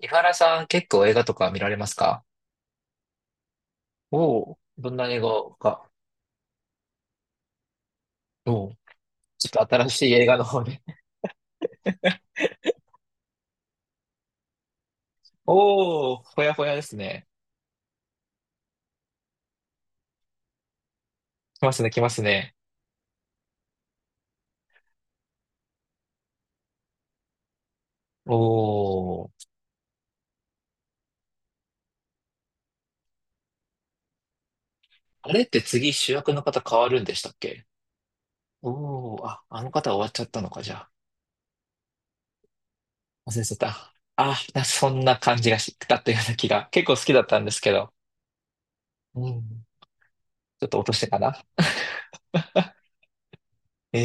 井原さん、結構映画とか見られますか？おおー、どんな映画か。おお、ちょっと新しい映画の方で。おお、ほやほやですね。来ますね、来ますね。おお、あれって次主役の方変わるんでしたっけ？おおー、あ、あの方終わっちゃったのか、じゃあ。忘れてた。あ、そんな感じがしたったような気が。結構好きだったんですけど。うん。ちょっと落としてかな。え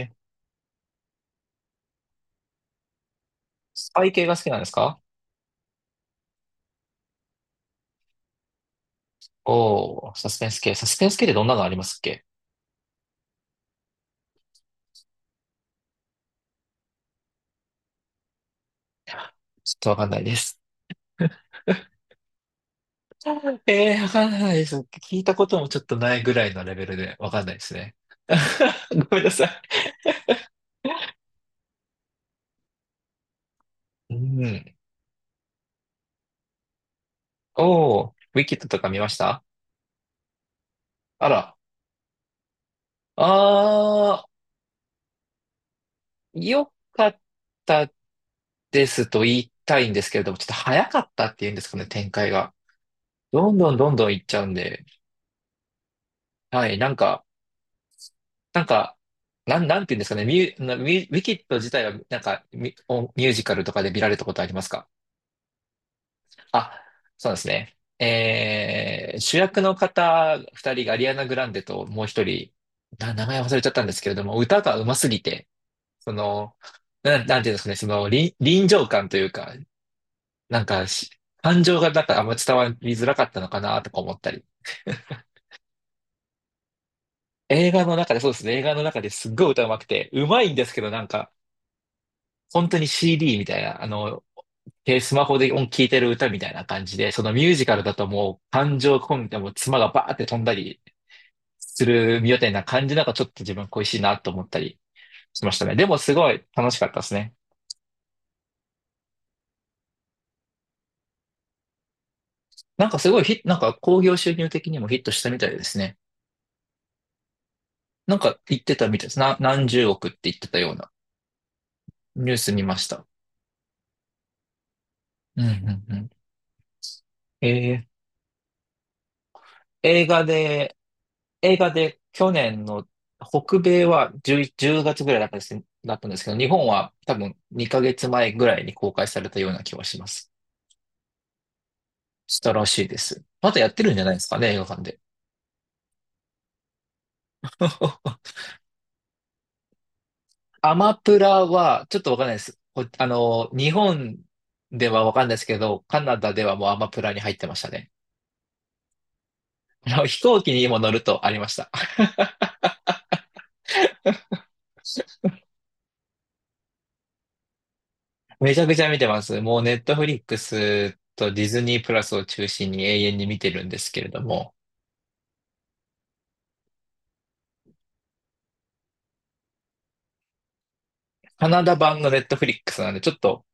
えー、スパイ系が好きなんですか？おおー、サスペンス系。サスペンス系ってどんなのありますっけ？ちょっとわかんないです。えー、わかんないです。聞いたこともちょっとないぐらいのレベルでわかんないですね。ごめんなさい。うん。おー、ウィキッドとか見ました？あら。あー、よかったですと言いたいんですけれども、ちょっと早かったっていうんですかね、展開が。どんどんどんどんいっちゃうんで。はい、なんか、なんか、なんていうんですかね、ミュウィキッド自体は、ミュージカルとかで見られたことありますか？あ、そうですね。えー主役の方二人がアリアナ・グランデともう一人、名前忘れちゃったんですけれども、歌が上手すぎて、その、なんていうんですかね、その臨場感というか、なんかし、感情がなんかあんま伝わりづらかったのかなとか思ったり。映画の中で、そうですね、映画の中ですっごい歌上手くて、上手いんですけど、なんか、本当に CD みたいな、あの、で、スマホで音聴いてる歌みたいな感じで、そのミュージカルだともう感情込めてもう妻がバーって飛んだり、するみたいな感じなんかちょっと自分恋しいなと思ったりしましたね。でもすごい楽しかったですね。なんかすごいヒなんか興行収入的にもヒットしたみたいですね。なんか言ってたみたいです。何十億って言ってたようなニュース見ました。うんうんうん。えー映画で、映画で去年の北米は10、1月ぐらいだったんですけど、日本は多分2ヶ月前ぐらいに公開されたような気はします。したらしいです。まだやってるんじゃないですかね、映画館で。アマプラは、ちょっとわかんないです。あの、日本ではわかんないですけど、カナダではもうアマプラに入ってましたね。あの、飛行機にも乗るとありました。めちゃくちゃ見てます。もうネットフリックスとディズニープラスを中心に永遠に見てるんですけれども、カナダ版のネットフリックスなんで、ちょっと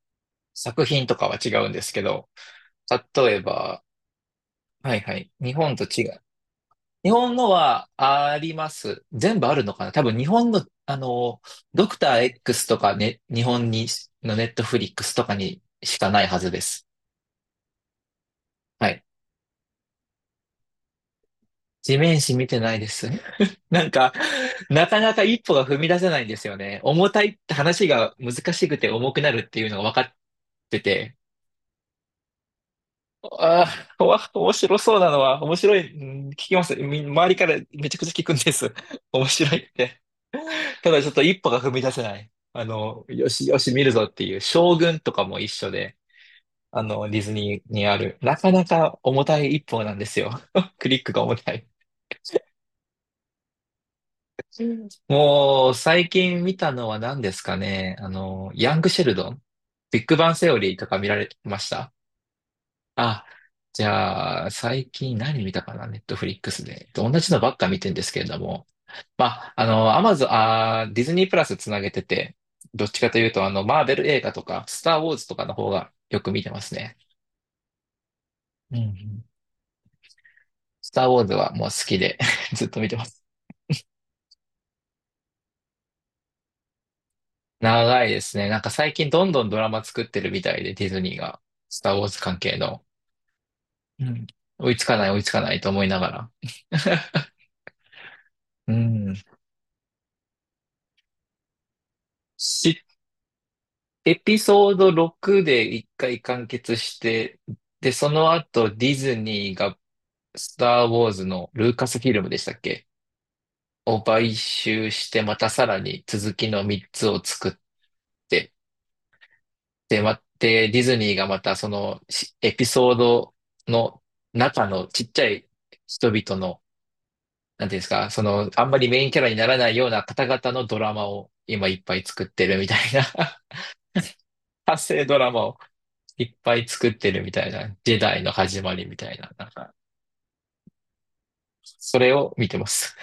作品とかは違うんですけど、例えば、はいはい。日本と違う。日本語はあります。全部あるのかな多分日本の、あの、ドクター X とかね、日本にのネットフリックスとかにしかないはずです。はい。地面師見てないです。なんか、なかなか一歩が踏み出せないんですよね。重たいって話が難しくて重くなるっていうのが分かってて。ああ、面白そうなのは、面白い、うん聞きます。周りからめちゃくちゃ聞くんです。面白いって。ただちょっと一歩が踏み出せない。あの、よしよし見るぞっていう、将軍とかも一緒で、あの、ディズニーにある、なかなか重たい一歩なんですよ。クリックが重たい。うんもう、最近見たのは何ですかね。あの、ヤングシェルドン、ビッグバンセオリーとか見られました？あ、じゃあ、最近何見たかな、ネットフリックスで。同じのばっか見てんですけれども、まあ、あの、アマゾン、あー、ディズニープラスつなげてて、どっちかというと、あの、マーベル映画とか、スター・ウォーズとかの方がよく見てますね。うんうん、スター・ウォーズはもう好きで ずっと見てます。長いですね。なんか最近どんどんドラマ作ってるみたいで、ディズニーが、スター・ウォーズ関係の。うん。追いつかない追いつかないと思いながら。うん。し、エピソード6で一回完結して、で、その後ディズニーがスター・ウォーズのルーカスフィルムでしたっけを買収して、またさらに続きの3つを作って、で、待って、ディズニーがまたそのエピソードの中のちっちゃい人々の、なんていうんですか、その、あんまりメインキャラにならないような方々のドラマを今いっぱい作ってるみたいな 派生ドラマをいっぱい作ってるみたいな、ジェダイの始まりみたいな、なんか、それを見てます。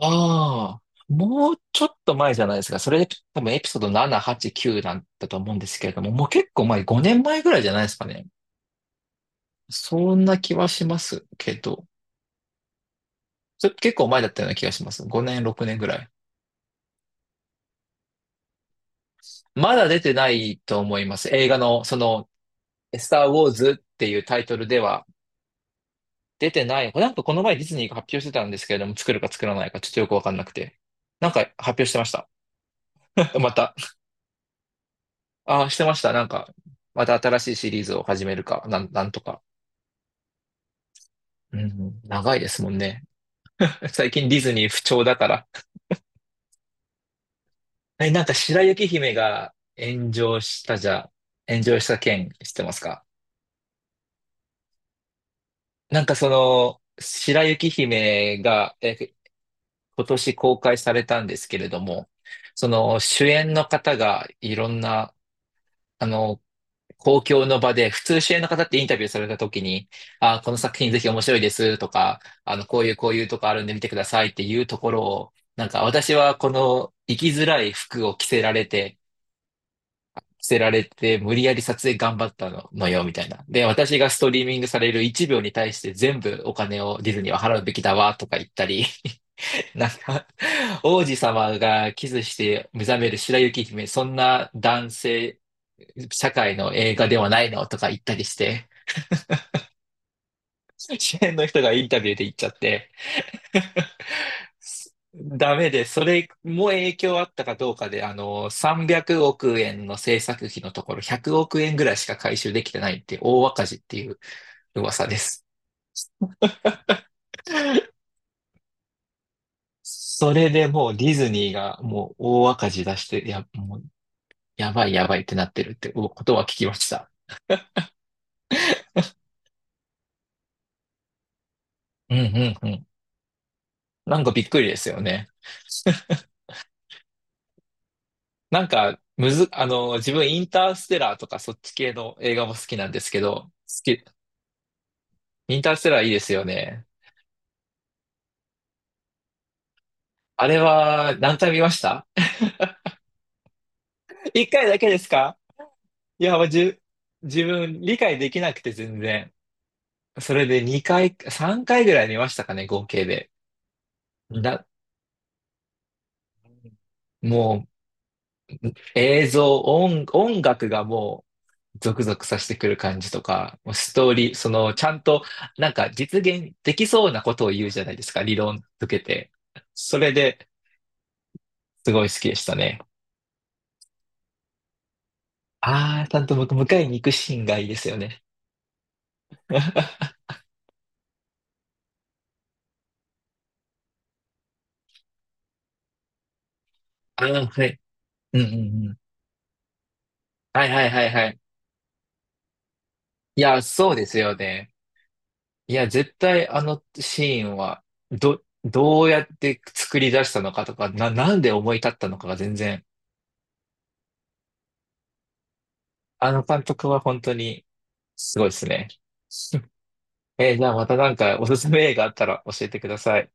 ああ、もうちょっと前じゃないですか。それ多分エピソード7、8、9だっだと思うんですけれども、もう結構前、5年前ぐらいじゃないですかね。そんな気はしますけど、それ結構前だったような気がします。5年、6年ぐらい。まだ出てないと思います。映画の、その、スター・ウォーズっていうタイトルでは出てない。なんかこの前ディズニーが発表してたんですけれども、作るか作らないかちょっとよくわかんなくて。なんか発表してました。また。ああ、してました。なんか、また新しいシリーズを始めるか、なんとか。うん、長いですもんね。最近ディズニー不調だから。え、なんか白雪姫が炎上したじゃ、炎上した件知ってますか？なんかその、白雪姫が、え、今年公開されたんですけれども、その主演の方がいろんな、あの、公共の場で、普通支援の方ってインタビューされた時に、あー、この作品ぜひ面白いですとか、あの、こういうこういうとこあるんで見てくださいっていうところを、なんか私はこの生きづらい服を着せられて、着せられて、無理やり撮影頑張ったの、のよ、みたいな。で、私がストリーミングされる1秒に対して全部お金をディズニーは払うべきだわ、とか言ったり、なんか、王子様がキスして目覚める白雪姫、そんな男性、社会の映画ではないのとか言ったりして、主演の人がインタビューで言っちゃって、ダメで、それも影響あったかどうかで、あの、300億円の制作費のところ、100億円ぐらいしか回収できてないって大赤字っていう噂です。それでもうディズニーがもう大赤字出して、いや、もうやばいやばいってなってるってことは聞きました。うんうんうん。なんかびっくりですよね。なんか、むず、あの、自分インターステラーとかそっち系の映画も好きなんですけど、き、インターステラーいいですよね。あれは何回見ました？ 一回だけですか？いや、まあじゅ、自分理解できなくて全然。それで2回、3回ぐらい見ましたかね、合計で。な、もう、映像、音、音楽がもう、ゾクゾクさせてくる感じとか、もうストーリー、その、ちゃんと、なんか実現できそうなことを言うじゃないですか、理論づけて。それですごい好きでしたね。ああ、ちゃんと僕、迎えに行くシーンがいいですよね。ああ、はい。うんうんうん。はいはいはいはい。いや、そうですよね。いや、絶対あのシーンは、どうやって作り出したのかとか、なんで思い立ったのかが全然、あの監督は本当にすごいですね。えーじゃあまたなんかおすすめ映画あったら教えてください。